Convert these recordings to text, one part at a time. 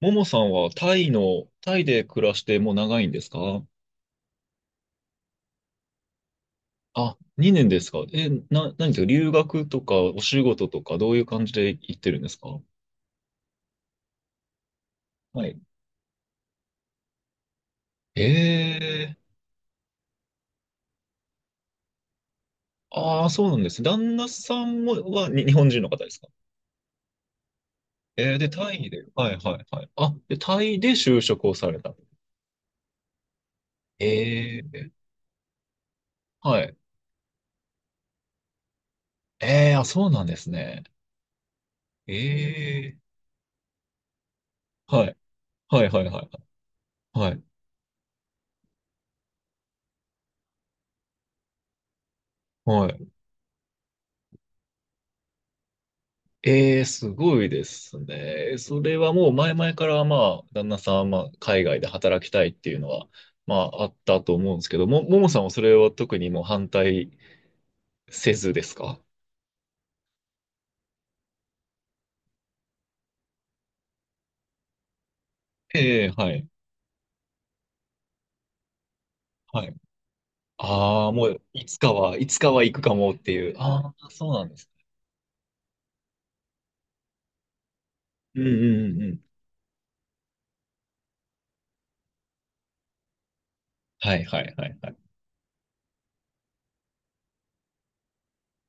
ももさんはタイで暮らしてもう長いんですか？あ、2年ですか？何ですか？留学とかお仕事とかどういう感じで行ってるんですか？はい。えー、ああ、そうなんですね。旦那さんも日本人の方ですか？で、タイで、はいはいはい。あ、で、タイで就職をされた。えー。はい。ええ、あ、そうなんですね。えー、はい。はいはいはいはい。はい。ええ、すごいですね。それはもう前々から、まあ、旦那さんはまあ、海外で働きたいっていうのは、まあ、あったと思うんですけど、ももさんはそれは特にもう反対せずですか？ええ、はい、はい。ああ、もう、いつかは、いつかは行くかもっていう。ああ、そうなんです。うんうんうんうん。はい、はい、はい、はい。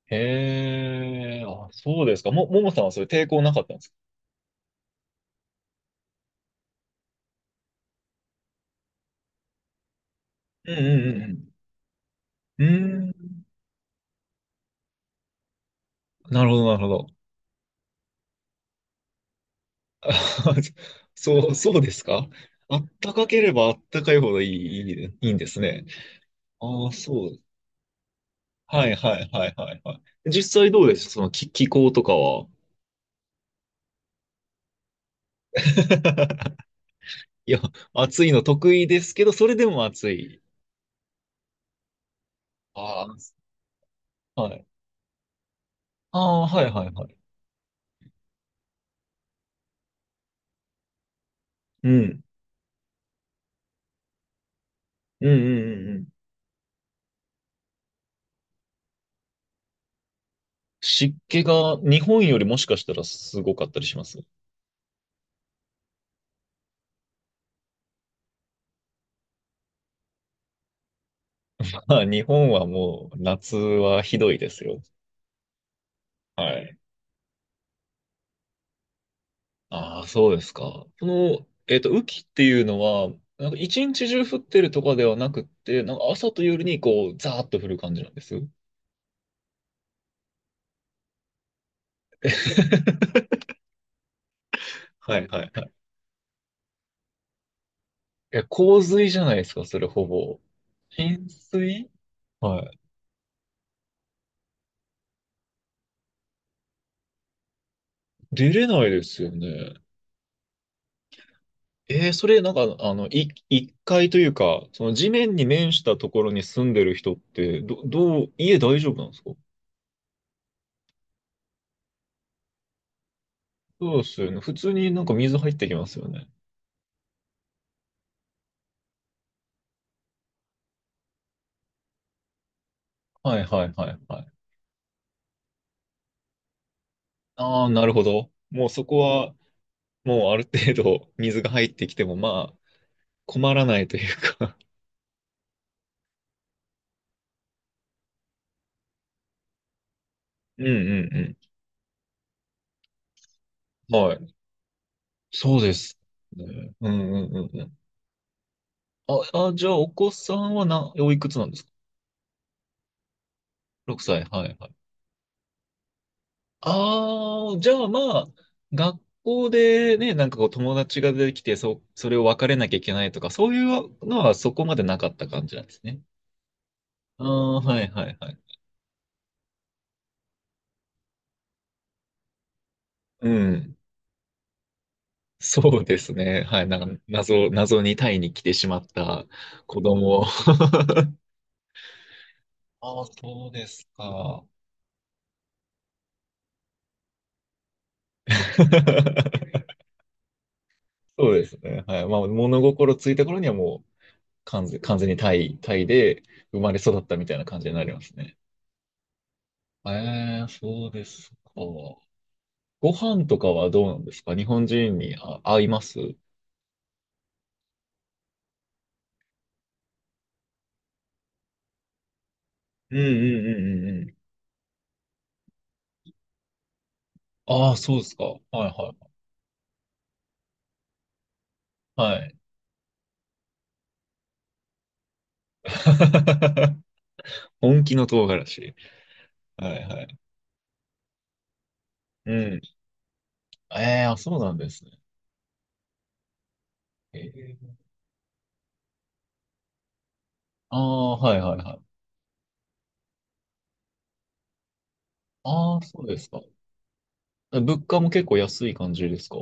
へえ、あ、そうですか。ももさんはそれ抵抗なかったんですか？うんうんうんうん。うーん、なるほど、なるほど。あ、そう、そうですか？あったかければあったかいほどいい、いい、いいんですね。ああ、そう。はいはいはいはいはい。実際どうです気候とかは。いや、暑いの得意ですけど、それでも暑い。ああ、はい。ああ、はいはいはい。うん。うんうんうんうん。湿気が日本よりもしかしたらすごかったりします？まあ、日本はもう夏はひどいですよ。はい。ああ、そうですか。その、雨季っていうのは、一日中降ってるとかではなくって、朝と夜にこう、ザーッと降る感じなんです？はいはいはい。え、洪水じゃないですか、それほぼ。浸水。はい。出れないですよね。えー、それ一階というか、その地面に面したところに住んでる人って、ど、どう、家大丈夫なんですか？そうですよね。普通に水入ってきますよね。はいはいはいはい。ああ、なるほど。もうそこは、もうある程度水が入ってきても、まあ、困らないというか。うんうんうん。はい。そうですね。うんうんうんうん。じゃあ、お子さんはおいくつなんですか？ 6 歳。はいはい。ああ、じゃあまあ、学校でね、こう友達が出てきて、それを別れなきゃいけないとか、そういうのはそこまでなかった感じなんですね。ああ、はいはいはい。うん。そうですね。はい。なんか、謎にタイに来てしまった子供。ああ、そうですか。そうですね。はい。まあ、物心ついた頃にはもう完全にタイで生まれ育ったみたいな感じになりますね。ええ、そうですか。ご飯とかはどうなんですか？日本人に、あ、合います？うんうんうんうんうん。ああ、そうですか。はいはい。はい。本気の唐辛子。はいはい。うん。ええ、あ、そうなんですね。ええ。ああ、はいはいはい。ああ、そうですか。物価も結構安い感じですか？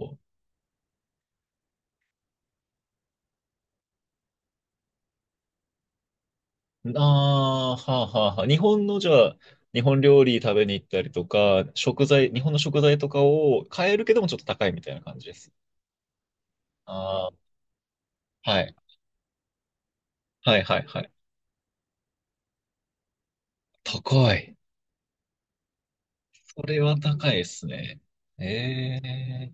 ああー、はあはあはあ。日本の、じゃあ、日本料理食べに行ったりとか、食材、日本の食材とかを買えるけどもちょっと高いみたいな感じですああ、はい。はいはいはい。高い。それは高いですね。ええ。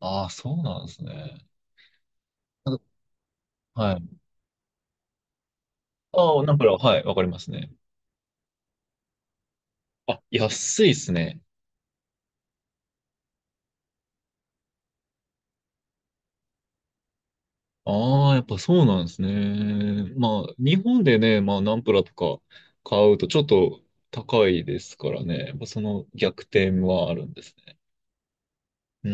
ああー、そうなんですね。なんか、はい。ああ、なんか、はい、わかりますね。あ、安いですね。ああ、やっぱそうなんですね。まあ、日本でね、まあ、ナンプラとか買うとちょっと高いですからね。やっぱその逆転はあるんですね。うー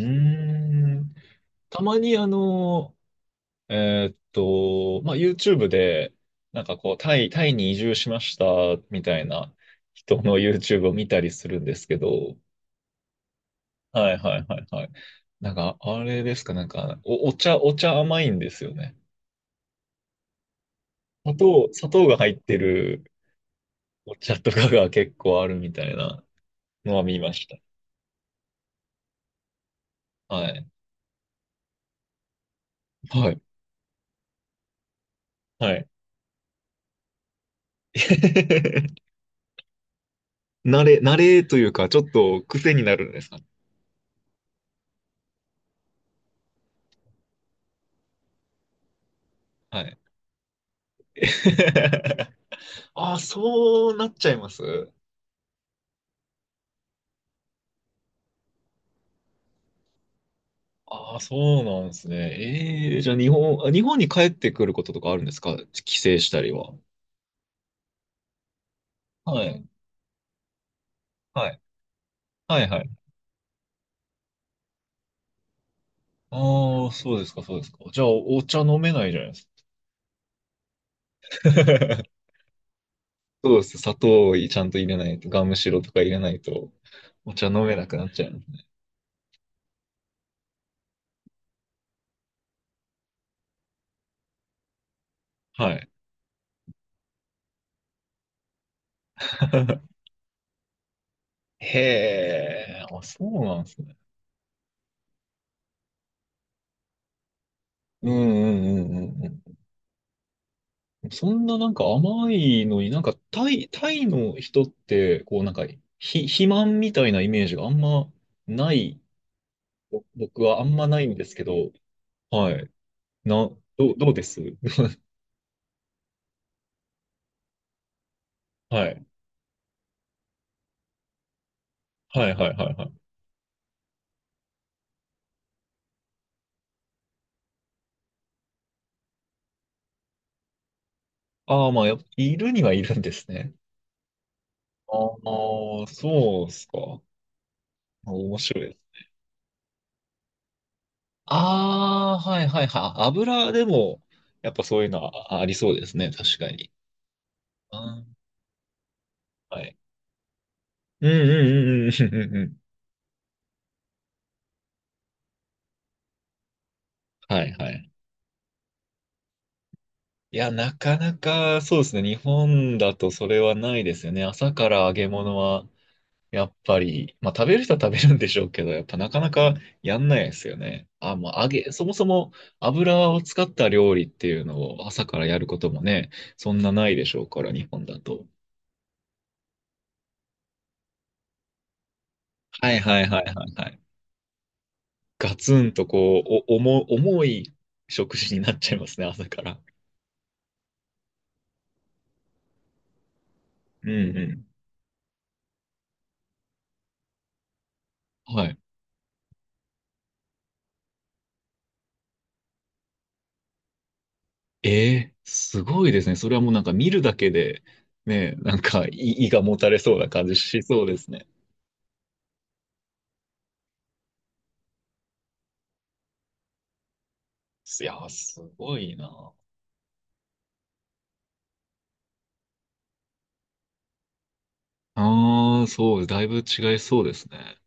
ん。たまにまあ、YouTube で、なんかこう、タイに移住しましたみたいな人の YouTube を見たりするんですけど、はいはいはいはい。なんか、あれですか、なんか、お茶甘いんですよね。砂糖が入ってる、お茶とかが結構あるみたいなのは見ました。はい。はい。はい。慣れというか、ちょっと癖になるんですかね。はい。ああ、そうなっちゃいます？ああ、そうなんですね。ええ、じゃあ日本に帰ってくることとかあるんですか？帰省したりは。はい。はい。はいはい。ああ、そうですか、そうですか。じゃあ、お茶飲めないじゃないですか。そうです。砂糖をちゃんと入れないと、ガムシロとか入れないと、お茶飲めなくなっちゃう。はい。へえ、あ、そうなんですね。うんうんうんうんうん。そんな、なんか甘いのに、なんかタイの人ってこう、なんか肥満みたいなイメージがあんまない、僕はあんまないんですけど、はい。な、どう、どうです はい。はいはいはいはい。ああ、まあ、やっぱいるにはいるんですね。ああ、そうっすか。面白いです。ああ、はいはいはい。油でも、やっぱそういうのはありそうですね。確かに。あー、はい。うんうんうんうんうんうんうん。はいはい。いや、なかなかそうですね。日本だとそれはないですよね。朝から揚げ物は、やっぱり、まあ食べる人は食べるんでしょうけど、やっぱなかなかやんないですよね。あ、まあ揚げ、そもそも油を使った料理っていうのを朝からやることもね、そんなないでしょうから、日本だと。はいはいはいはいはい。ガツンとこう、お、重い食事になっちゃいますね、朝から。うんうん。はい。えー、すごいですね。それはもうなんか見るだけで、ね、なんか胃がもたれそうな感じしそうですね。いやー、すごいな。ああ、そう、だいぶ違いそうですね。